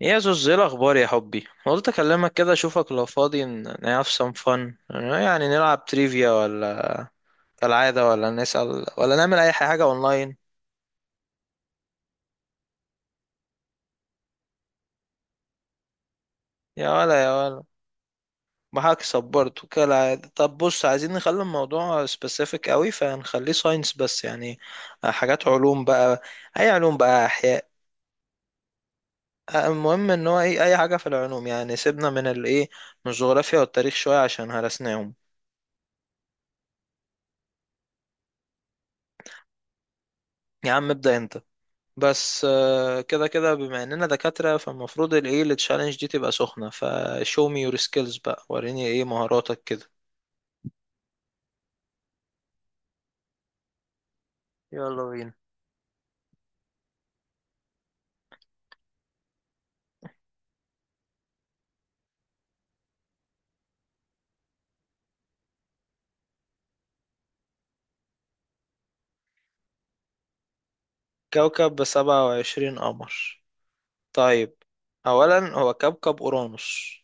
يا زوز، ايه الاخبار يا حبي؟ قلت اكلمك كده، اشوفك لو فاضي، نعرف سم فن، يعني نلعب تريفيا ولا كالعاده، ولا نسأل، ولا نعمل اي حاجه اونلاين. يا ولا، يا ولا، معاك صبرت كالعاده. طب بص، عايزين نخلي الموضوع سبيسيفيك قوي، فنخليه ساينس بس، يعني حاجات علوم بقى. اي علوم بقى، احياء، المهم ان هو ايه، اي حاجه في العلوم، يعني سيبنا من الايه، من الجغرافيا والتاريخ شويه عشان هرسناهم. يا عم، ابدأ انت. بس كده كده، بما اننا دكاترة فالمفروض الايه التشالنج دي تبقى سخنة. فشو مي يور سكيلز بقى، وريني ايه مهاراتك كده. يلا بينا. كوكب بـ27 قمر؟ طيب. اولا هو كوكب اورانوس،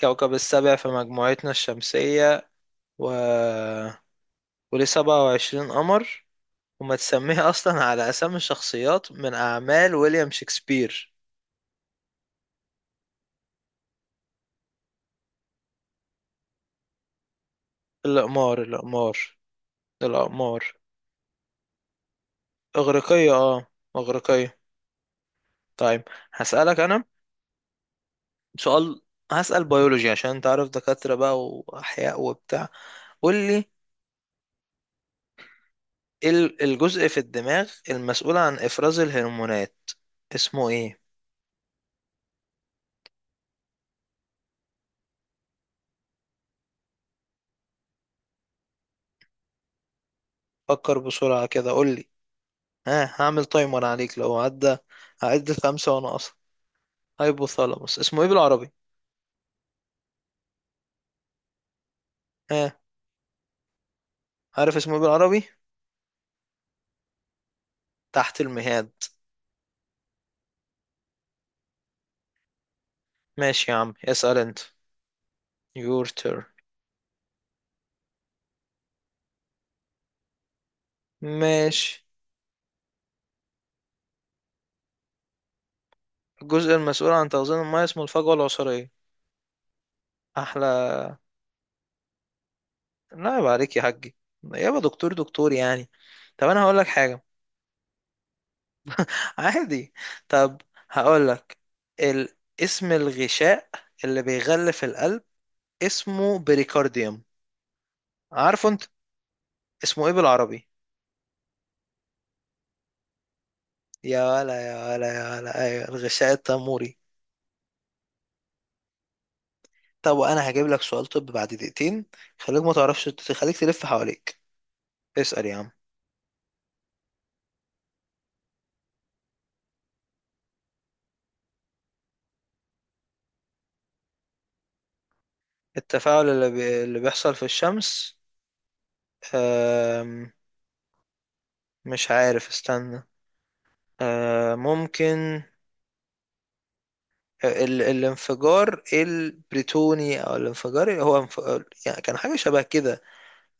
كوكب السابع في مجموعتنا الشمسية. و... وليه 27 قمر. وما تسميه اصلا على اسامي الشخصيات من اعمال ويليام شكسبير. الاقمار، الاقمار. الاقمار. اغريقية، اه، اغريقية. طيب. هسألك أنا سؤال. هسأل بيولوجي، عشان أنت عارف، دكاترة بقى وأحياء وبتاع. قول لي، إيه الجزء في الدماغ المسؤول عن إفراز الهرمونات اسمه إيه؟ فكر بسرعة كده، قول لي. ها، هعمل تايمر عليك لو عدى. هعد الخمسة وأنا أصلا. هايبوثالاموس، اسمه إيه بالعربي؟ ها؟ عارف اسمه إيه بالعربي؟ تحت المهاد. ماشي يا عم، اسأل أنت. your turn. ماشي. الجزء المسؤول عن تخزين المياه اسمه الفجوة العصارية. أحلى. لا، عيب عليك يا حاجي، يابا، دكتور دكتور يعني. طب انا هقول لك حاجه. عادي. طب، هقول لك ال... اسم الغشاء اللي بيغلف القلب اسمه بريكارديوم. عارفه انت اسمه ايه بالعربي؟ يا ولا، يا ولا، يا ولا، ايوه الغشاء التاموري. طب انا هجيب لك سؤال طب بعد دقيقتين. خليك ما تعرفش، خليك تلف حواليك. اسأل يا عم. التفاعل اللي بيحصل في الشمس. أم... مش عارف، استنى. ممكن الانفجار البريتوني، او الانفجار يعني كان حاجه شبه كده.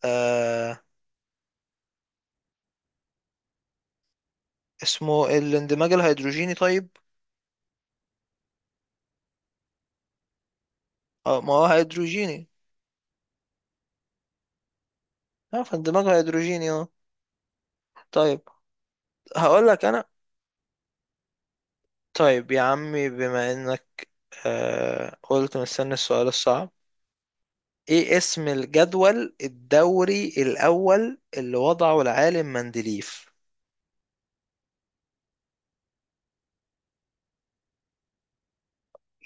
آه. اسمه الاندماج الهيدروجيني. طيب. اه، ما هو هيدروجيني. اه، فاندماج هيدروجيني، اه. طيب. هقول لك انا. طيب يا عمي، بما انك قلت مستني السؤال الصعب، ايه اسم الجدول الدوري الاول اللي وضعه العالم مندليف؟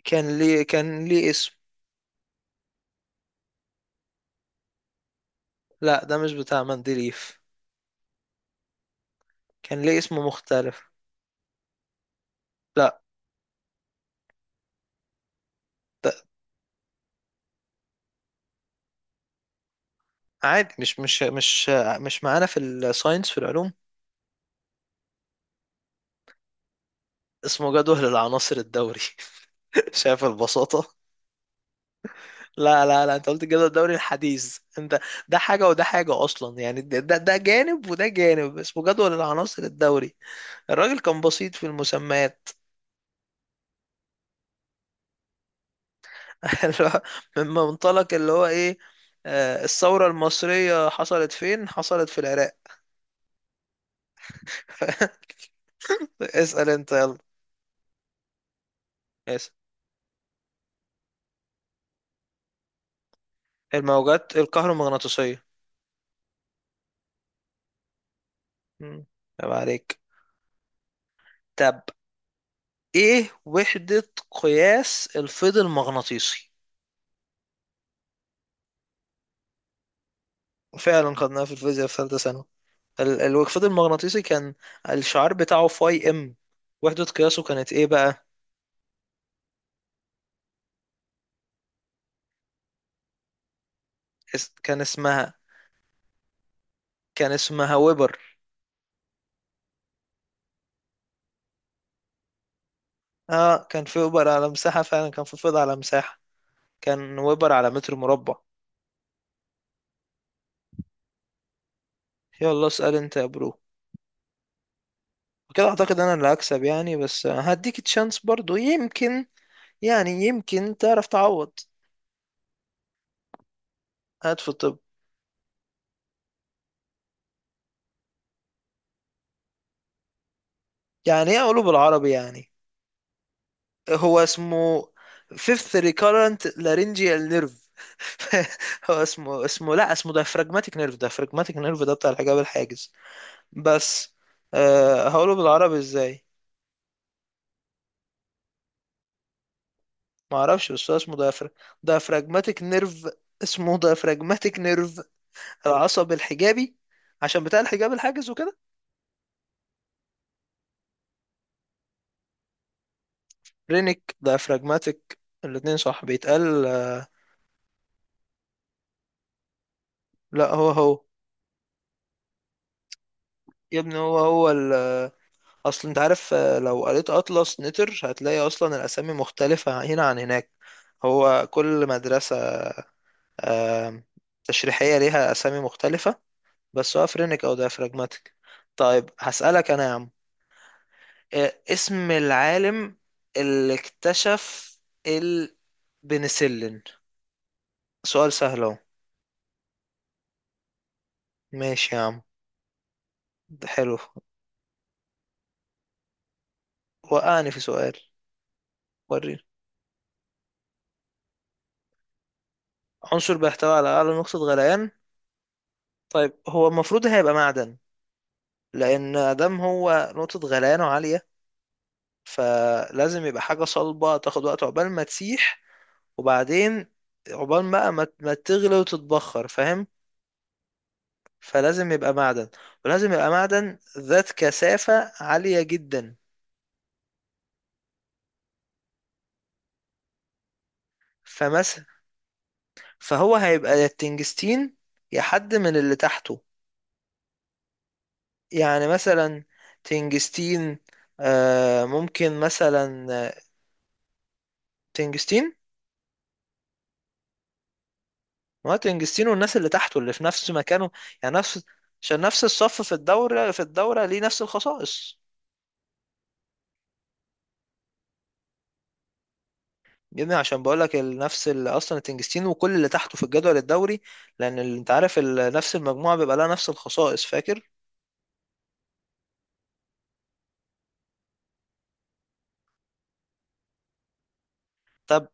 كان ليه اسم. لا، ده مش بتاع مندليف. كان ليه اسم مختلف. لا. عادي، مش معانا في الساينس، في العلوم. اسمه جدول العناصر الدوري. شايف البساطة؟ لا، لا، لا، انت قلت الجدول الدوري الحديث انت. ده حاجة وده حاجة اصلا، يعني ده جانب وده جانب، اسمه جدول العناصر الدوري. الراجل كان بسيط في المسميات. اللي هو، من منطلق اللي هو ايه، الثورة المصرية حصلت فين؟ حصلت في العراق. اسأل انت يلا. اسأل. الموجات الكهرومغناطيسية. مم. طب، عليك. طب، ايه وحدة قياس الفيض المغناطيسي؟ فعلا خدناها في الفيزياء في ثالثة ثانوي. الفيض المغناطيسي كان الشعار بتاعه فاي ام، وحدة قياسه كانت ايه بقى؟ اس- كان اسمها كان اسمها ويبر. اه، كان في ويبر على مساحة، فعلا كان في فيض على مساحة. كان ويبر على متر مربع. يلا اسأل انت يا برو، وكده اعتقد انا اللي هكسب يعني. بس هديك تشانس برضو، يمكن يعني يمكن تعرف تعوض. هات في الطب. يعني ايه قولوا بالعربي يعني؟ هو اسمه fifth recurrent laryngeal nerve. هو اسمه لا، اسمه diaphragmatic nerve. diaphragmatic nerve ده بتاع الحجاب الحاجز بس. هقوله بالعربي ازاي؟ ما اعرفش، بس هو اسمه diaphragmatic nerve. اسمه diaphragmatic nerve، العصب الحجابي، عشان بتاع الحجاب الحاجز وكده. رينيك diaphragmatic، الاتنين صح بيتقال. لا، هو هو. يا ابني، هو هو. اصل انت عارف، لو قريت اطلس نتر هتلاقي اصلا الاسامي مختلفة هنا عن هناك. هو كل مدرسة آم، تشريحية ليها اسامي مختلفة. بس هو افرينيك او ديافراجماتيك. طيب، هسألك انا يا عم، اسم العالم اللي اكتشف البنسلين؟ سؤال سهل اهو. ماشي يا عم، ده حلو. وقعني في سؤال. وريني، عنصر بيحتوي على اعلى نقطة غليان. طيب، هو المفروض هيبقى معدن، لان ادم هو نقطة غليانه عالية، فلازم يبقى حاجة صلبة تاخد وقت عقبال ما تسيح، وبعدين عقبال بقى ما تغلي وتتبخر، فاهم؟ فلازم يبقى معدن، ولازم يبقى معدن ذات كثافة عالية جدا. فمثلا، فهو هيبقى يا التنجستين، يا حد من اللي تحته. يعني مثلا تنجستين، ممكن مثلا تنجستين، مارتن جستين والناس اللي تحته اللي في نفس مكانه. يعني نفس، عشان نفس الصف في الدورة ليه نفس الخصائص. جدا، عشان بقول لك نفس اصلا تنجستين وكل اللي تحته في الجدول الدوري، لان انت عارف نفس المجموعة بيبقى لها نفس الخصائص، فاكر؟ طب،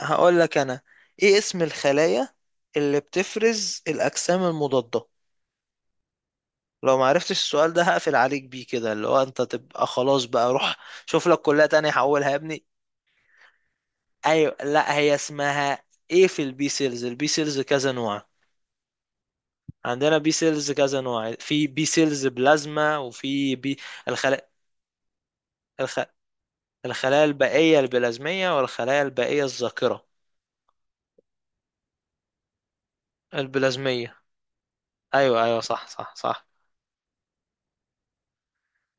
هقول لك انا، ايه اسم الخلايا اللي بتفرز الاجسام المضادة؟ لو ما عرفتش السؤال ده هقفل عليك بيه كده، اللي هو انت تبقى خلاص بقى، روح شوف لك كلية تانية حولها يا ابني. ايوه، لا، هي اسمها ايه، في البي سيلز كذا نوع. عندنا بي سيلز كذا نوع، في بي سيلز بلازما وفي بي. الخلايا الخ... الخلايا البائية البلازمية والخلايا البائية الذاكرة. البلازمية. ايوه، ايوه، صح، صح، صح.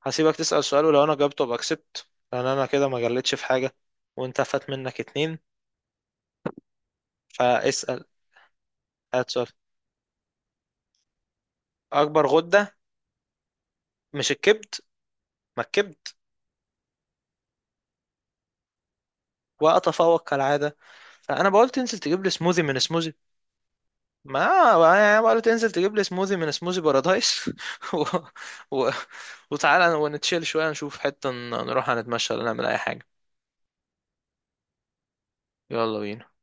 هسيبك تسأل سؤال، ولو انا جاوبته باكسبت، لان انا كده ما جلتش في حاجة، وانت فات منك اتنين. فاسأل، هات سؤال. اكبر غدة؟ مش الكبد؟ ما الكبد. واتفوق كالعادة. فانا بقول تنزل تجيب لي سموذي من سموذي، ما بقى له تنزل تجيب لي سموذي من سموذي بارادايس. و... و... وتعالى ونتشيل شوية، نشوف حتة، نروح نتمشى ولا نعمل أي حاجة. يلا بينا.